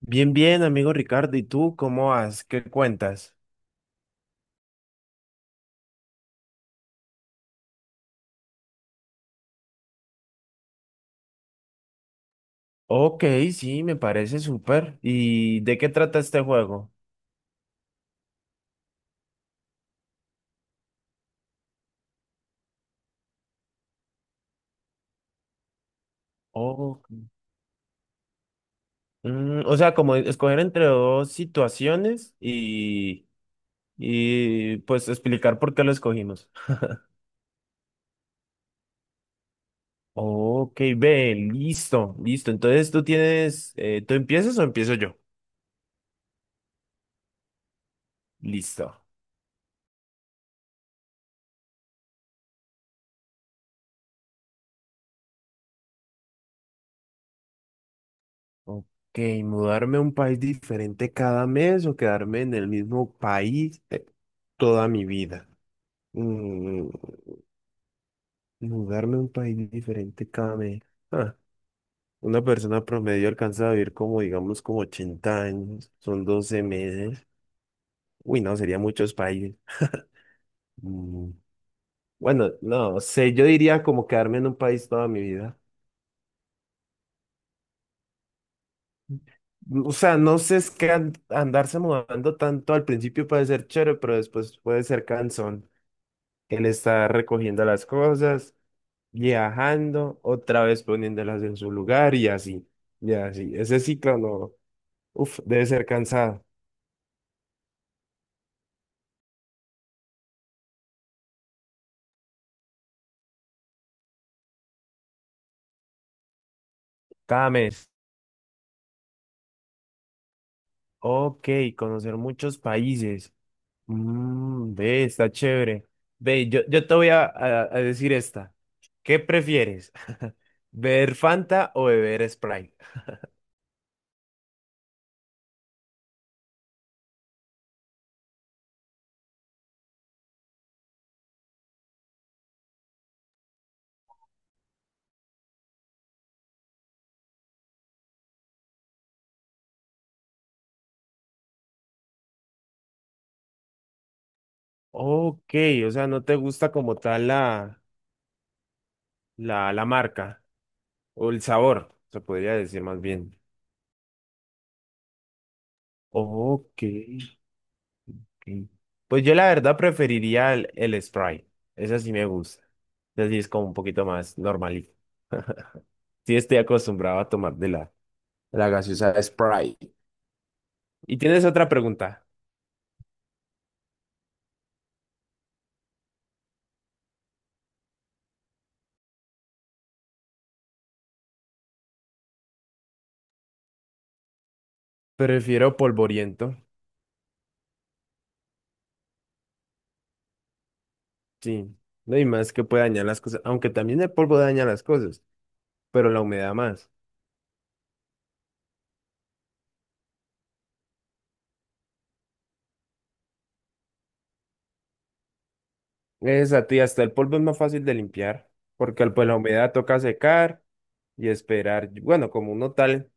Bien, bien, amigo Ricardo. ¿Y tú cómo vas? ¿Qué cuentas? Ok, sí, me parece súper. ¿Y de qué trata este juego? Oh, mm, o sea, como escoger entre dos situaciones y pues explicar por qué lo escogimos. Ok, ve, listo, listo. Entonces ¿tú empiezas o empiezo yo? Listo. Ok, mudarme a un país diferente cada mes o quedarme en el mismo país toda mi vida. Mm, Mudarme a un país diferente cada mes. Ah, una persona promedio alcanza a vivir como, digamos, como 80 años. Son 12 meses. Uy, no, sería muchos países. Mm, Bueno, no sé, yo diría como quedarme en un país toda mi vida. O sea, no sé, es que andarse mudando tanto al principio puede ser chévere, pero después puede ser cansón. El estar recogiendo las cosas, viajando, otra vez poniéndolas en su lugar y así. Y así. Ese ciclo no. Uf, debe ser cansado. Cada mes. Ok, conocer muchos países. Ve, está chévere. Ve, yo te voy a decir esta. ¿Qué prefieres? ¿Beber Fanta o beber Sprite? Ok, o sea, no te gusta como tal la marca o el sabor, se podría decir más bien. Ok. Ok. Pues yo la verdad preferiría el Sprite. Esa sí me gusta. Así es como un poquito más normalito. Sí, estoy acostumbrado a tomar de la gaseosa Sprite. Y tienes otra pregunta. Prefiero polvoriento. Sí. No hay más que puede dañar las cosas. Aunque también el polvo daña las cosas, pero la humedad más. Es a ti, hasta el polvo es más fácil de limpiar, porque pues la humedad toca secar y esperar. Bueno, como uno tal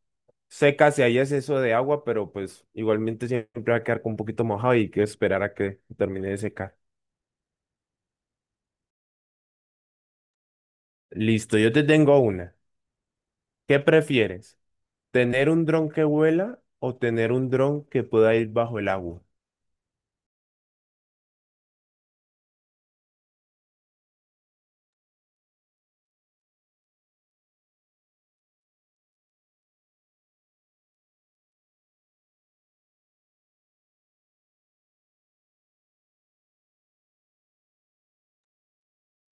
seca, si hay exceso de agua, pero pues igualmente siempre va a quedar con un poquito mojado y hay que esperar a que termine de secar. Listo, yo te tengo una. ¿Qué prefieres? ¿Tener un dron que vuela o tener un dron que pueda ir bajo el agua?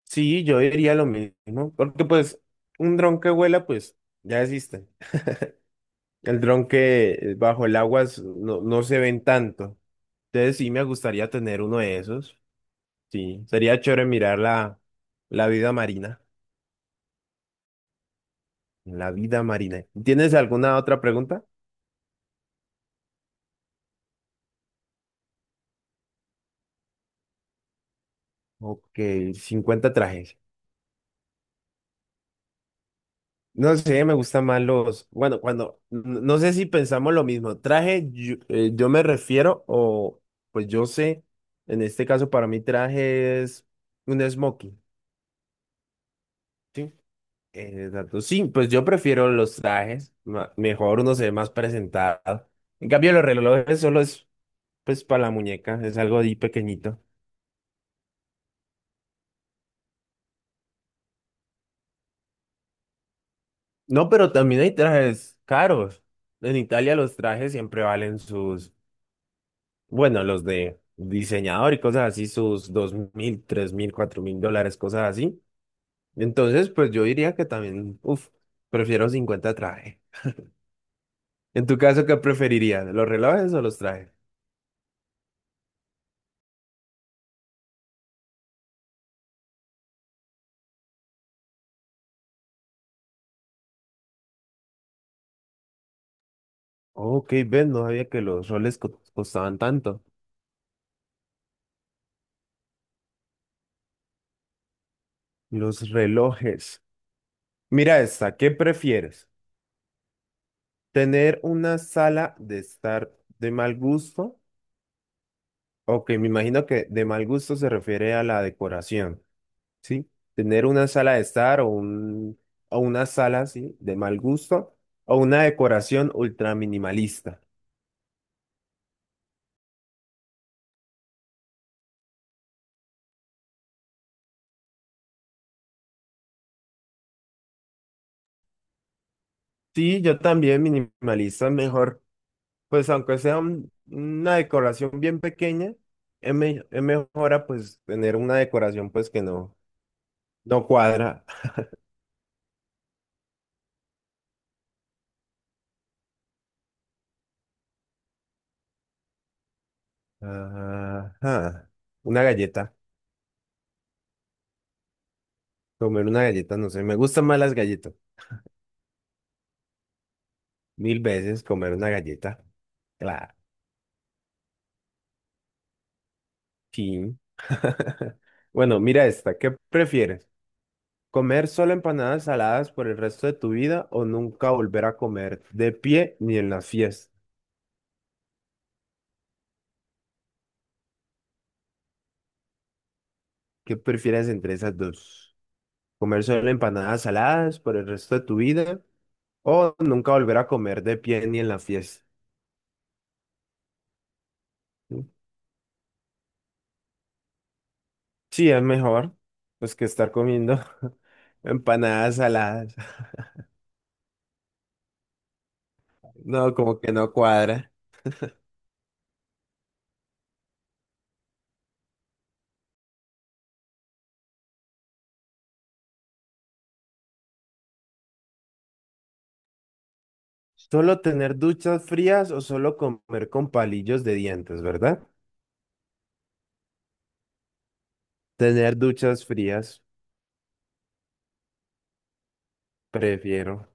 Sí, yo diría lo mismo, porque pues un dron que vuela pues ya existe. El dron que bajo el agua no, no se ven tanto. Entonces sí me gustaría tener uno de esos. Sí, sería chévere mirar la vida marina. La vida marina. ¿Tienes alguna otra pregunta? Ok, 50 trajes. No sé, me gustan más los, bueno, cuando, no sé si pensamos lo mismo, traje, yo me refiero, o pues yo sé, en este caso para mí traje es un smoking, ¿sí? Exacto, sí, pues yo prefiero los trajes, mejor uno se ve más presentado. En cambio los relojes solo es, pues para la muñeca, es algo ahí pequeñito. No, pero también hay trajes caros. En Italia los trajes siempre valen sus. Bueno, los de diseñador y cosas así, sus 2.000, 3.000, 4.000 dólares, cosas así. Entonces, pues yo diría que también, uff, prefiero 50 trajes. En tu caso, ¿qué preferirías? ¿Los relojes o los trajes? Ok, ven, no sabía que los roles costaban tanto. Los relojes. Mira esta, ¿qué prefieres? ¿Tener una sala de estar de mal gusto? Ok, me imagino que de mal gusto se refiere a la decoración. Sí, tener una sala de estar o una sala así de mal gusto o una decoración ultra minimalista. Sí, yo también minimalista es mejor, pues aunque sea una decoración bien pequeña, es mejor a, pues tener una decoración pues que no, no cuadra. Ajá, una galleta, comer una galleta, no sé, me gustan más las galletas, mil veces comer una galleta, claro, sí. Bueno, mira esta, ¿qué prefieres? ¿Comer solo empanadas saladas por el resto de tu vida o nunca volver a comer de pie ni en las fiestas? ¿Qué prefieres entre esas dos? ¿Comer solo empanadas saladas por el resto de tu vida o nunca volver a comer de pie ni en la fiesta? Sí, es mejor pues que estar comiendo empanadas saladas. No, como que no cuadra. Solo tener duchas frías o solo comer con palillos de dientes, ¿verdad? Tener duchas frías, prefiero.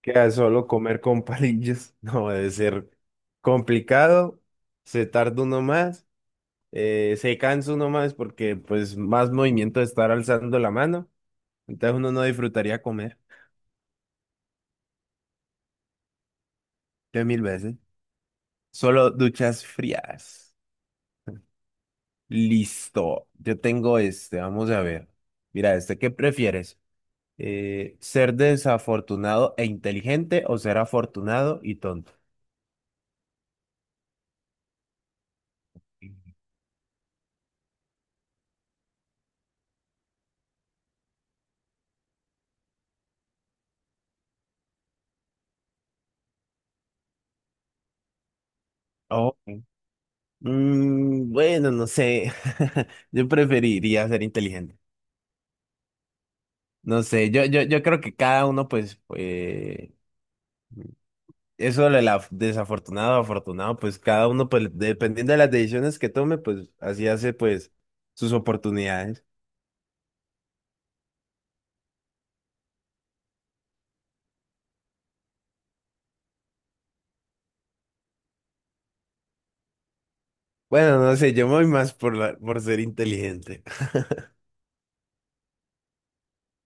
Que a solo comer con palillos no debe ser complicado, se tarda uno más, se cansa uno más porque pues más movimiento de estar alzando la mano, entonces uno no disfrutaría comer de mil veces. Solo duchas frías. Listo, yo tengo este, vamos a ver. Mira, este, ¿qué prefieres? ¿Ser desafortunado e inteligente o ser afortunado y tonto? Oh. Bueno, no sé. Yo preferiría ser inteligente. No sé, yo creo que cada uno, pues, eso de la desafortunado o afortunado, pues cada uno, pues, dependiendo de las decisiones que tome, pues, así hace, pues, sus oportunidades. Bueno, no sé, yo me voy más por, por ser inteligente.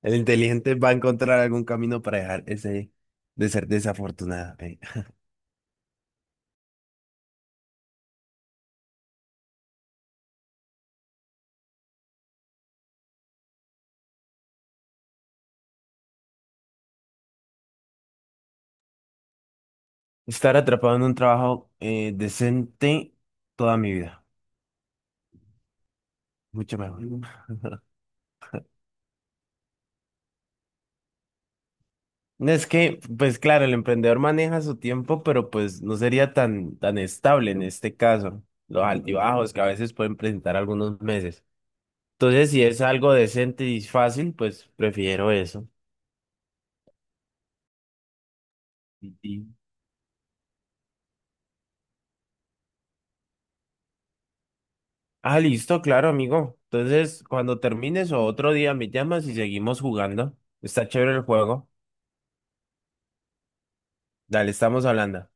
El inteligente va a encontrar algún camino para dejar ese de ser desafortunado. Estar atrapado en un trabajo decente toda mi vida. Mucho mejor. Es que, pues claro, el emprendedor maneja su tiempo, pero pues no sería tan, tan estable en este caso. Los altibajos que a veces pueden presentar algunos meses. Entonces, si es algo decente y fácil, pues prefiero eso. Y- Listo, claro, amigo. Entonces, cuando termines o otro día me llamas y seguimos jugando. Está chévere el juego. Dale, estamos hablando.